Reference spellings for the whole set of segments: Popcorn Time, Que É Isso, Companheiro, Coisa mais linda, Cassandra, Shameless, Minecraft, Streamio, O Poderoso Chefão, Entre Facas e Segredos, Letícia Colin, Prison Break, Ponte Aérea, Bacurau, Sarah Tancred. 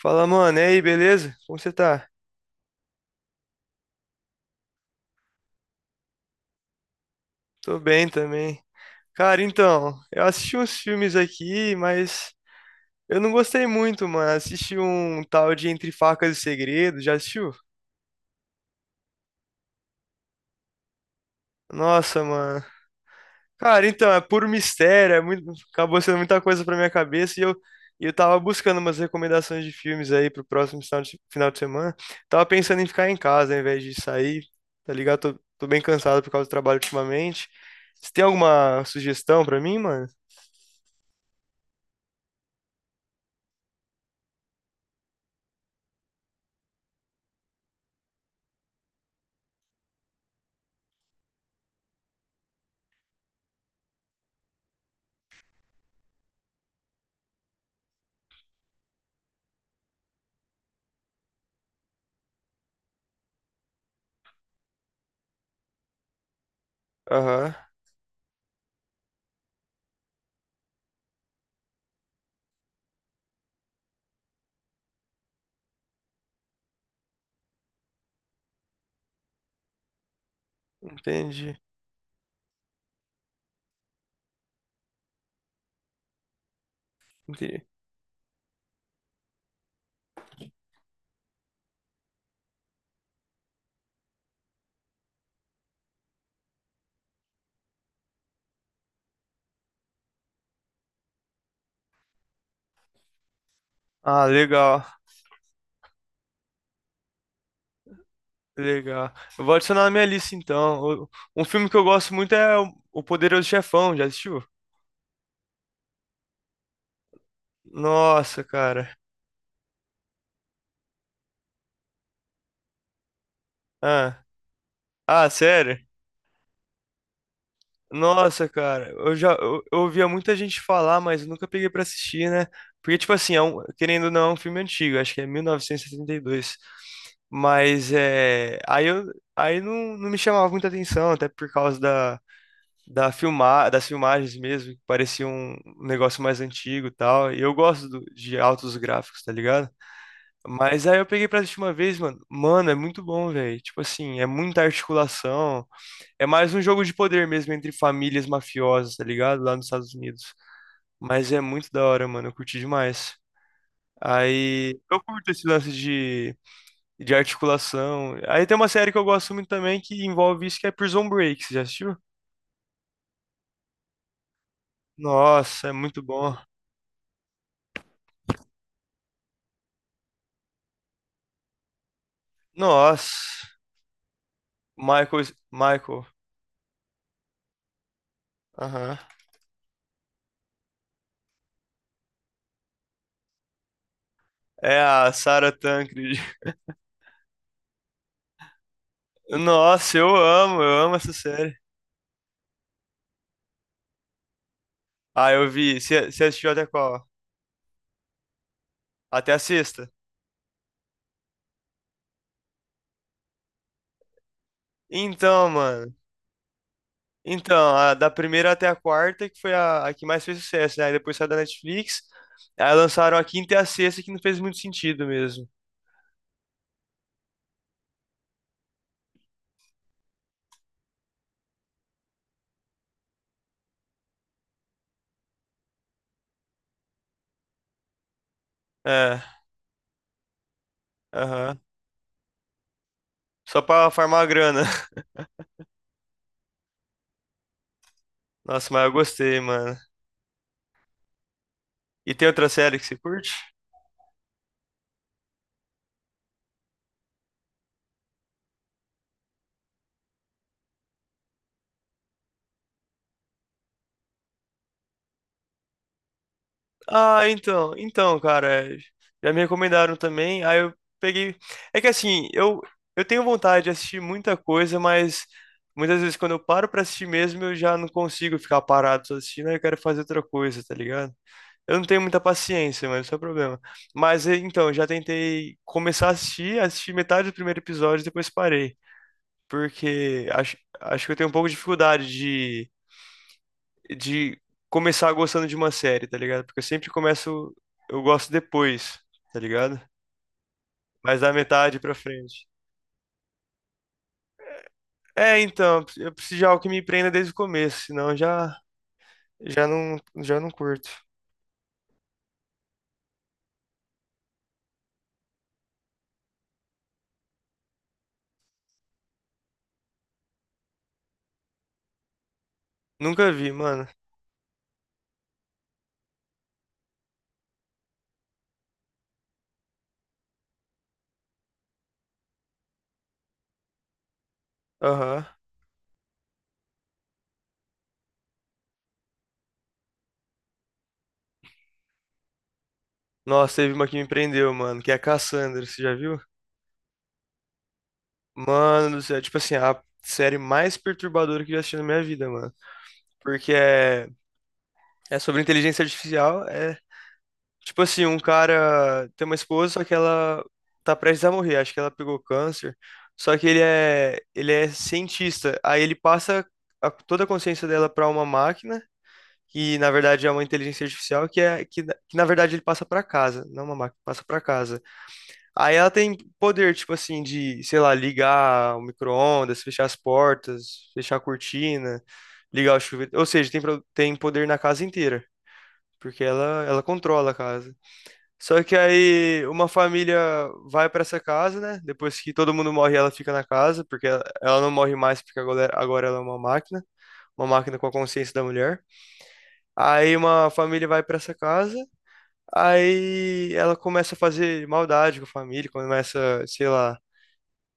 Fala, mano, e aí, beleza? Como você tá? Tô bem também. Cara, então, eu assisti uns filmes aqui, mas eu não gostei muito, mano. Assisti um tal de Entre Facas e Segredos, já assistiu? Nossa, mano. Cara, então, é puro mistério, acabou sendo muita coisa pra minha cabeça e eu tava buscando umas recomendações de filmes aí pro próximo final de semana. Tava pensando em ficar em casa ao invés de sair, tá ligado? Tô bem cansado por causa do trabalho ultimamente. Você tem alguma sugestão pra mim, mano? Aham, entendi, entendi. Ah, legal, legal. Eu vou adicionar na minha lista então. Um filme que eu gosto muito é O Poderoso Chefão, já assistiu? Nossa, cara. Ah, ah, sério? Nossa, cara. Eu ouvia muita gente falar, mas eu nunca peguei pra assistir, né? Porque, tipo assim, querendo ou não, é um filme antigo, acho que é 1972. Mas é. Aí não, não me chamava muita atenção, até por causa da. Da filmar, das filmagens mesmo, que parecia um negócio mais antigo e tal. E eu gosto de altos gráficos, tá ligado? Mas aí eu peguei pra assistir uma vez, mano. Mano, é muito bom, velho. Tipo assim, é muita articulação. É mais um jogo de poder mesmo entre famílias mafiosas, tá ligado? Lá nos Estados Unidos. Mas é muito da hora, mano. Eu curti demais. Aí eu curto esse de articulação. Aí tem uma série que eu gosto muito também que envolve isso, que é Prison Break. Você já assistiu? Nossa, é muito bom. Nossa. Michael, Michael. Aham. É a Sarah Tancred. Nossa, eu amo essa série. Ah, eu vi. Você assistiu até qual? Até a sexta? Então, mano. Então, a da primeira até a quarta, que foi a que mais fez sucesso, né? Aí depois saiu da Netflix. Aí lançaram a quinta e a sexta, que não fez muito sentido mesmo. É, aham. Só pra farmar a grana. Nossa, mas eu gostei, mano. E tem outra série que você curte? Ah, cara, já me recomendaram também. Aí eu peguei. É que assim, eu tenho vontade de assistir muita coisa, mas muitas vezes quando eu paro pra assistir mesmo, eu já não consigo ficar parado só assistindo, aí eu quero fazer outra coisa, tá ligado? Eu não tenho muita paciência, mas isso é o problema. Mas então, eu já tentei começar a assistir, assisti metade do primeiro episódio e depois parei. Porque acho que eu tenho um pouco de dificuldade de começar gostando de uma série, tá ligado? Porque eu sempre começo, eu gosto depois, tá ligado? Mas da metade pra frente. É, então, eu preciso de algo que me prenda desde o começo, senão eu já, já não, já não curto. Nunca vi, mano. Aham. Nossa, teve uma que me prendeu, mano, que é a Cassandra, você já viu? Mano do céu, tipo assim, a série mais perturbadora que eu já assisti na minha vida, mano. Porque é, é sobre inteligência artificial, é tipo assim, um cara tem uma esposa, só que ela tá prestes a morrer, acho que ela pegou câncer. Só que ele é cientista, aí ele passa toda a consciência dela pra uma máquina, que na verdade é uma inteligência artificial, que na verdade ele passa pra casa, não uma máquina, passa pra casa. Aí ela tem poder, tipo assim, de, sei lá, ligar o micro-ondas, fechar as portas, fechar a cortina, ligar o chuveiro. Ou seja, tem poder na casa inteira, porque ela controla a casa. Só que aí uma família vai pra essa casa, né? Depois que todo mundo morre, ela fica na casa, porque ela não morre mais, porque agora ela é uma máquina com a consciência da mulher. Aí uma família vai pra essa casa, aí ela começa a fazer maldade com a família, começa, sei lá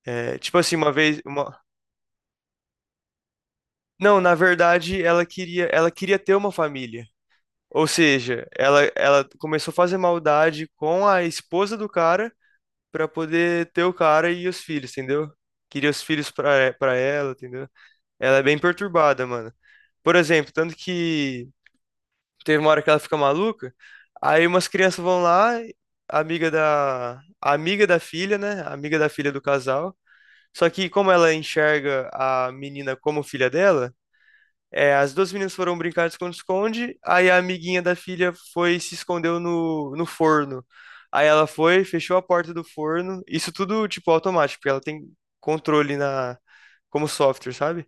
É, tipo assim, Não, na verdade, ela queria ter uma família. Ou seja, ela começou a fazer maldade com a esposa do cara pra poder ter o cara e os filhos, entendeu? Queria os filhos pra, é, pra ela, entendeu? Ela é bem perturbada, mano. Por exemplo, tanto que teve uma hora que ela fica maluca, aí umas crianças vão lá, a amiga da, a amiga da filha, né? A amiga da filha do casal. Só que como ela enxerga a menina como filha dela, é, as duas meninas foram brincar de esconde-esconde, aí a amiguinha da filha foi e se escondeu no forno. Aí ela foi, fechou a porta do forno, isso tudo, tipo, automático, porque ela tem controle na, como software, sabe?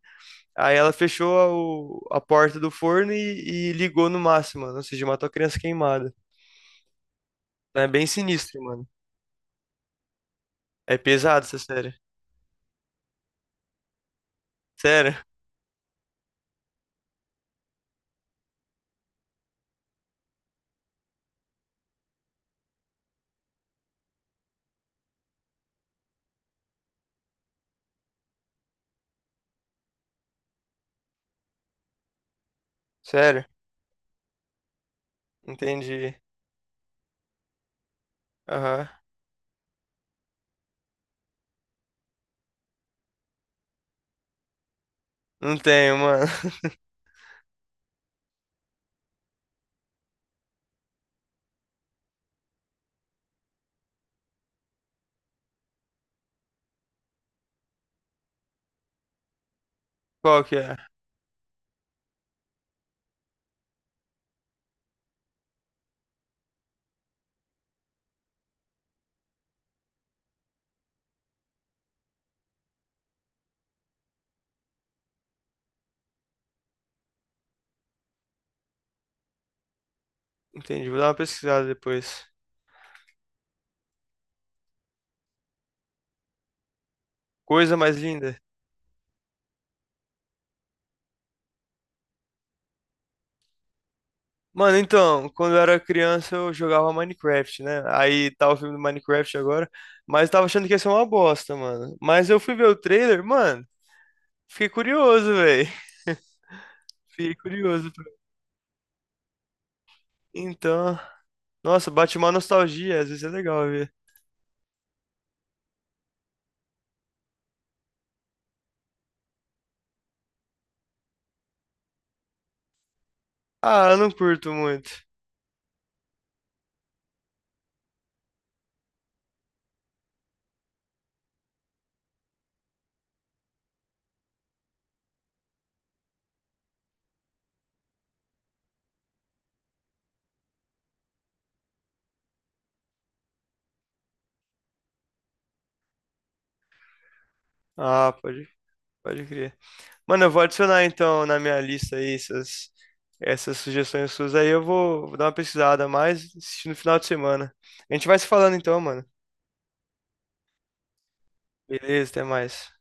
Aí ela fechou a porta do forno e ligou no máximo, mano, ou seja, matou a criança queimada. É bem sinistro, mano. É pesado essa série. Sério? Sério? Entendi. Aham. Não tenho, mano. Qual que é? Entendi. Vou dar uma pesquisada depois. Coisa mais linda. Mano, então, quando eu era criança eu jogava Minecraft, né? Aí tá o filme do Minecraft agora, mas eu tava achando que ia ser uma bosta, mano. Mas eu fui ver o trailer, mano, fiquei curioso, velho. Fiquei curioso. Então, nossa, bate uma nostalgia, às vezes é legal ver. Ah, eu não curto muito. Ah, pode crer. Mano, eu vou adicionar então na minha lista aí essas sugestões suas aí, vou dar uma pesquisada a mais assistir no final de semana. A gente vai se falando então, mano. Beleza, até mais.